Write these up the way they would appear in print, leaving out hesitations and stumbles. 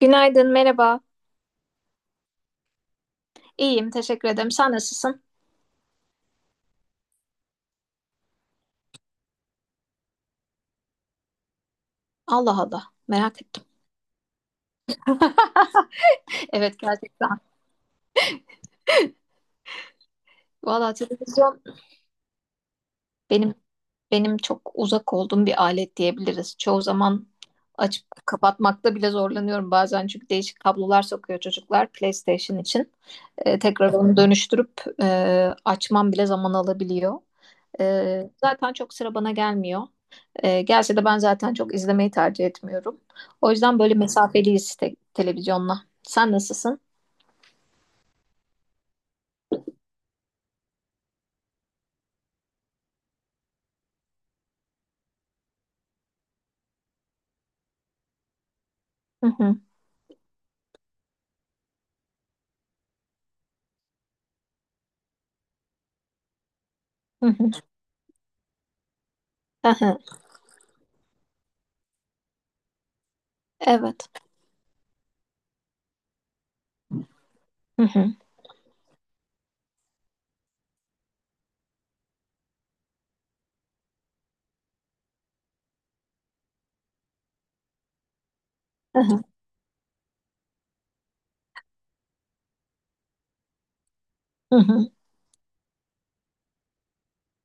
Günaydın, merhaba. İyiyim, teşekkür ederim. Sen nasılsın? Allah Allah, merak ettim. Evet, gerçekten. Valla televizyon benim benim çok uzak olduğum bir alet diyebiliriz. Çoğu zaman açıp kapatmakta bile zorlanıyorum bazen çünkü değişik kablolar sokuyor çocuklar PlayStation için. Tekrar onu dönüştürüp e, açmam bile zaman alabiliyor. Zaten çok sıra bana gelmiyor. Gerçi de ben zaten çok izlemeyi tercih etmiyorum. O yüzden böyle mesafeliyiz televizyonla. Sen nasılsın? Hı hı, hı hı, hı hı. Evet. Hı hı, hı hı, hı hı.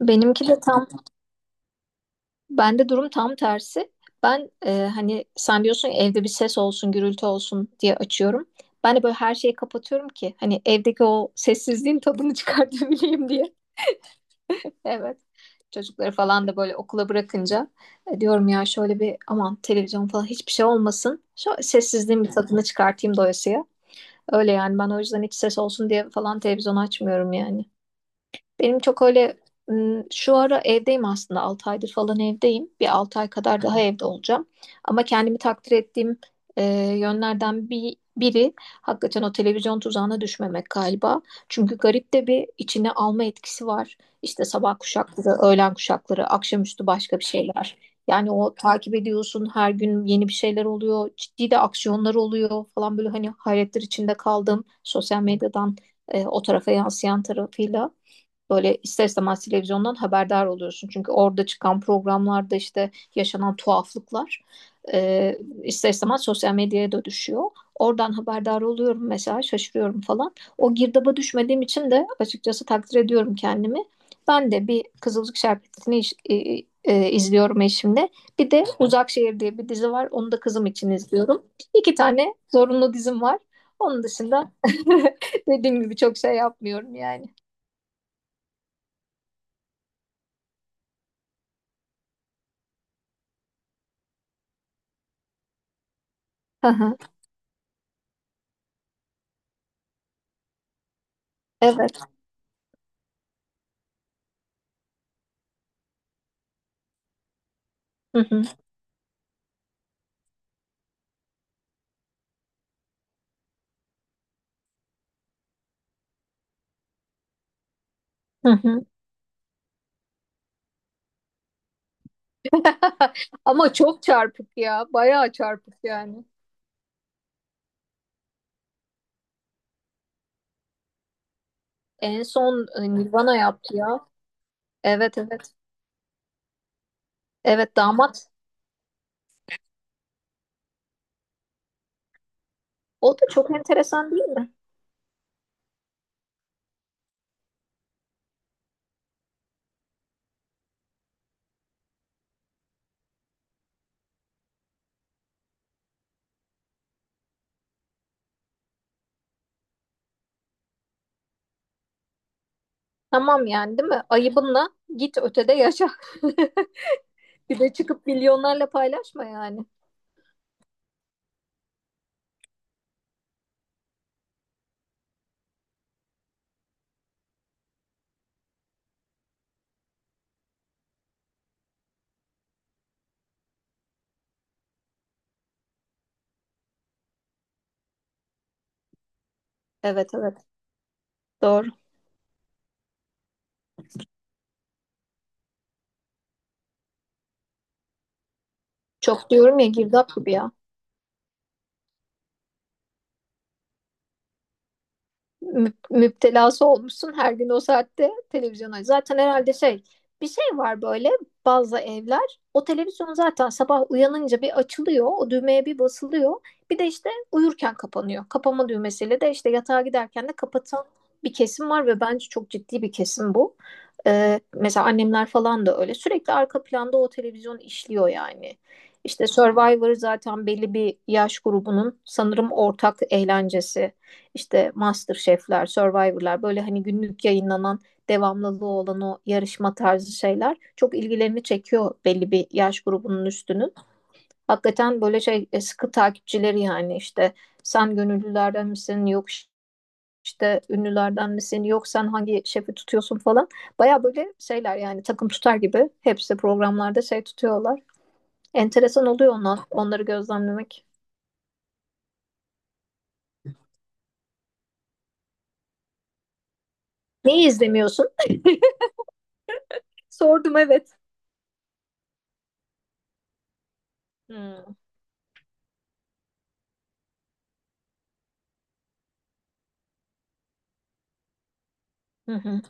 Benimki de tam, Bende durum tam tersi. Ben hani sen diyorsun ya, evde bir ses olsun, gürültü olsun diye açıyorum. Ben de böyle her şeyi kapatıyorum ki hani evdeki o sessizliğin tadını çıkartabileyim diye. Evet. Çocukları falan da böyle okula bırakınca diyorum ya şöyle bir aman televizyon falan hiçbir şey olmasın. Şu sessizliğin bir tadını çıkartayım doyasıya. Öyle yani ben o yüzden hiç ses olsun diye falan televizyon açmıyorum yani. Benim çok öyle şu ara evdeyim aslında 6 aydır falan evdeyim. Bir 6 ay kadar daha evde olacağım. Ama kendimi takdir ettiğim e, yönlerden bir biri hakikaten o televizyon tuzağına düşmemek galiba. Çünkü garip de bir içine alma etkisi var. İşte sabah kuşakları, öğlen kuşakları, akşamüstü başka bir şeyler. Yani o takip ediyorsun her gün yeni bir şeyler oluyor. Ciddi de aksiyonlar oluyor falan böyle hani hayretler içinde kaldım. Sosyal medyadan o tarafa yansıyan tarafıyla böyle ister istemez televizyondan haberdar oluyorsun. Çünkü orada çıkan programlarda işte yaşanan tuhaflıklar e, ister istemez sosyal medyaya da düşüyor. Oradan haberdar oluyorum mesela şaşırıyorum falan. O girdaba düşmediğim için de açıkçası takdir ediyorum kendimi. Ben de bir Kızılcık Şerbeti'ni izliyorum eşimle. Bir de Uzak Şehir diye bir dizi var. Onu da kızım için izliyorum. İki tane zorunlu dizim var. Onun dışında dediğim gibi çok şey yapmıyorum yani. Evet. Hı hı. Hı hı. Ama çok çarpık ya. Bayağı çarpık yani. En son Nirvana yaptı ya. Evet, evet. Evet, damat. O da çok enteresan değil mi? Tamam yani, değil mi? Ayıbınla git ötede yaşa. Bir de çıkıp milyonlarla paylaşma yani. Evet, evet. Doğru. Çok diyorum ya, girdap gibi ya. Müptelası olmuşsun her gün o saatte televizyona. Zaten herhalde şey, bir şey var böyle, bazı evler o televizyon zaten sabah uyanınca bir açılıyor, o düğmeye bir basılıyor, bir de işte uyurken kapanıyor. Kapama düğmesiyle de işte yatağa giderken de kapatan bir kesim var ve bence çok ciddi bir kesim bu. Mesela annemler falan da öyle, sürekli arka planda o televizyon işliyor yani. İşte Survivor zaten belli bir yaş grubunun sanırım ortak eğlencesi, işte MasterChef'ler, Survivor'lar, böyle hani günlük yayınlanan, devamlılığı olan o yarışma tarzı şeyler çok ilgilerini çekiyor belli bir yaş grubunun üstünün. Hakikaten böyle şey, sıkı takipçileri yani, işte sen gönüllülerden misin, yok işte ünlülerden misin, yok sen hangi şefi tutuyorsun falan. Baya böyle şeyler yani, takım tutar gibi hepsi programlarda şey tutuyorlar. Enteresan oluyor onlar, onları gözlemlemek. Neyi izlemiyorsun? Sordum, evet. Hmm. Hı hı.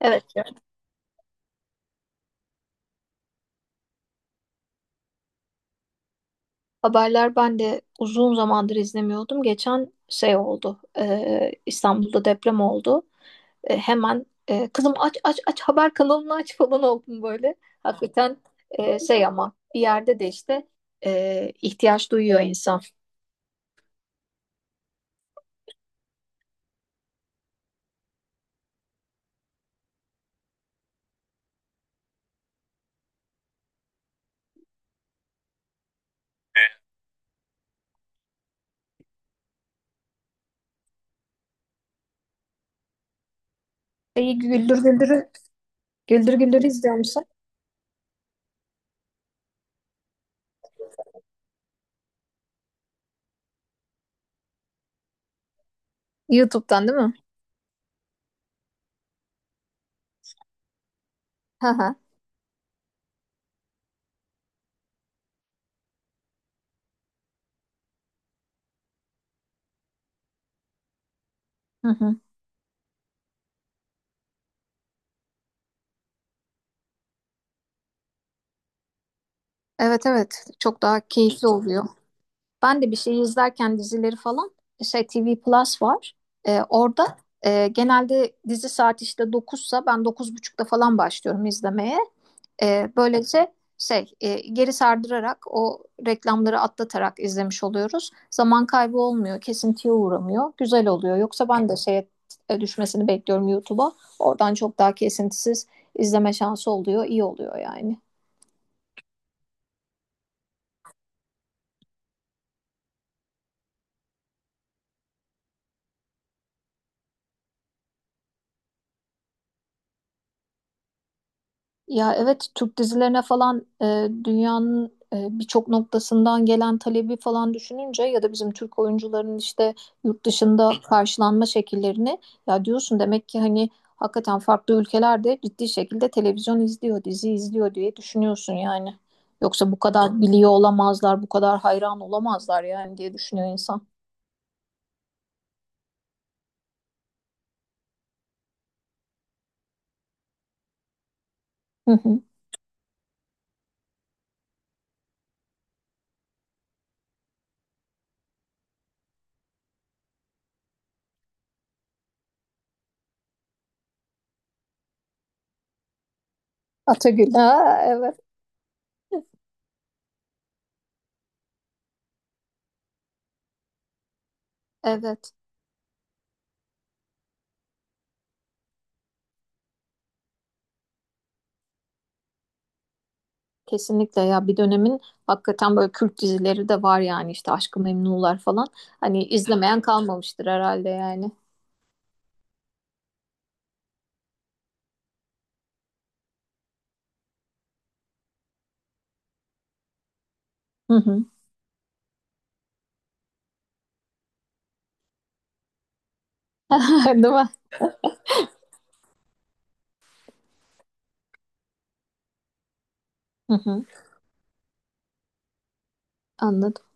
Evet. Haberler ben de uzun zamandır izlemiyordum. Geçen şey oldu. İstanbul'da deprem oldu. Hemen kızım, aç aç aç haber kanalını aç falan oldum böyle. Hakikaten şey, ama bir yerde de işte ihtiyaç duyuyor insan. Şeyi güldür güldürü güldür güldürü izliyor musun? YouTube'dan değil mi? Hı hı. Evet, evet, çok daha keyifli oluyor. Ben de bir şey izlerken dizileri falan, şey TV Plus var. Orada genelde dizi saat işte 9'sa, ben 9.30'da falan başlıyorum izlemeye. Böylece şey, geri sardırarak, o reklamları atlatarak izlemiş oluyoruz. Zaman kaybı olmuyor, kesintiye uğramıyor. Güzel oluyor. Yoksa ben de şeye düşmesini bekliyorum YouTube'a. Oradan çok daha kesintisiz izleme şansı oluyor. İyi oluyor yani. Ya evet, Türk dizilerine falan dünyanın birçok noktasından gelen talebi falan düşününce, ya da bizim Türk oyuncuların işte yurt dışında karşılanma şekillerini, ya diyorsun, demek ki hani hakikaten farklı ülkelerde ciddi şekilde televizyon izliyor, dizi izliyor diye düşünüyorsun yani. Yoksa bu kadar biliyor olamazlar, bu kadar hayran olamazlar yani diye düşünüyor insan. Hı hı. Atagül. Ha, evet. Evet. Kesinlikle ya, bir dönemin hakikaten böyle kült dizileri de var yani, işte Aşk-ı Memnu'lar falan. Hani izlemeyen kalmamıştır herhalde yani. Hı hı. Değil mi? Hı hı. Anladım.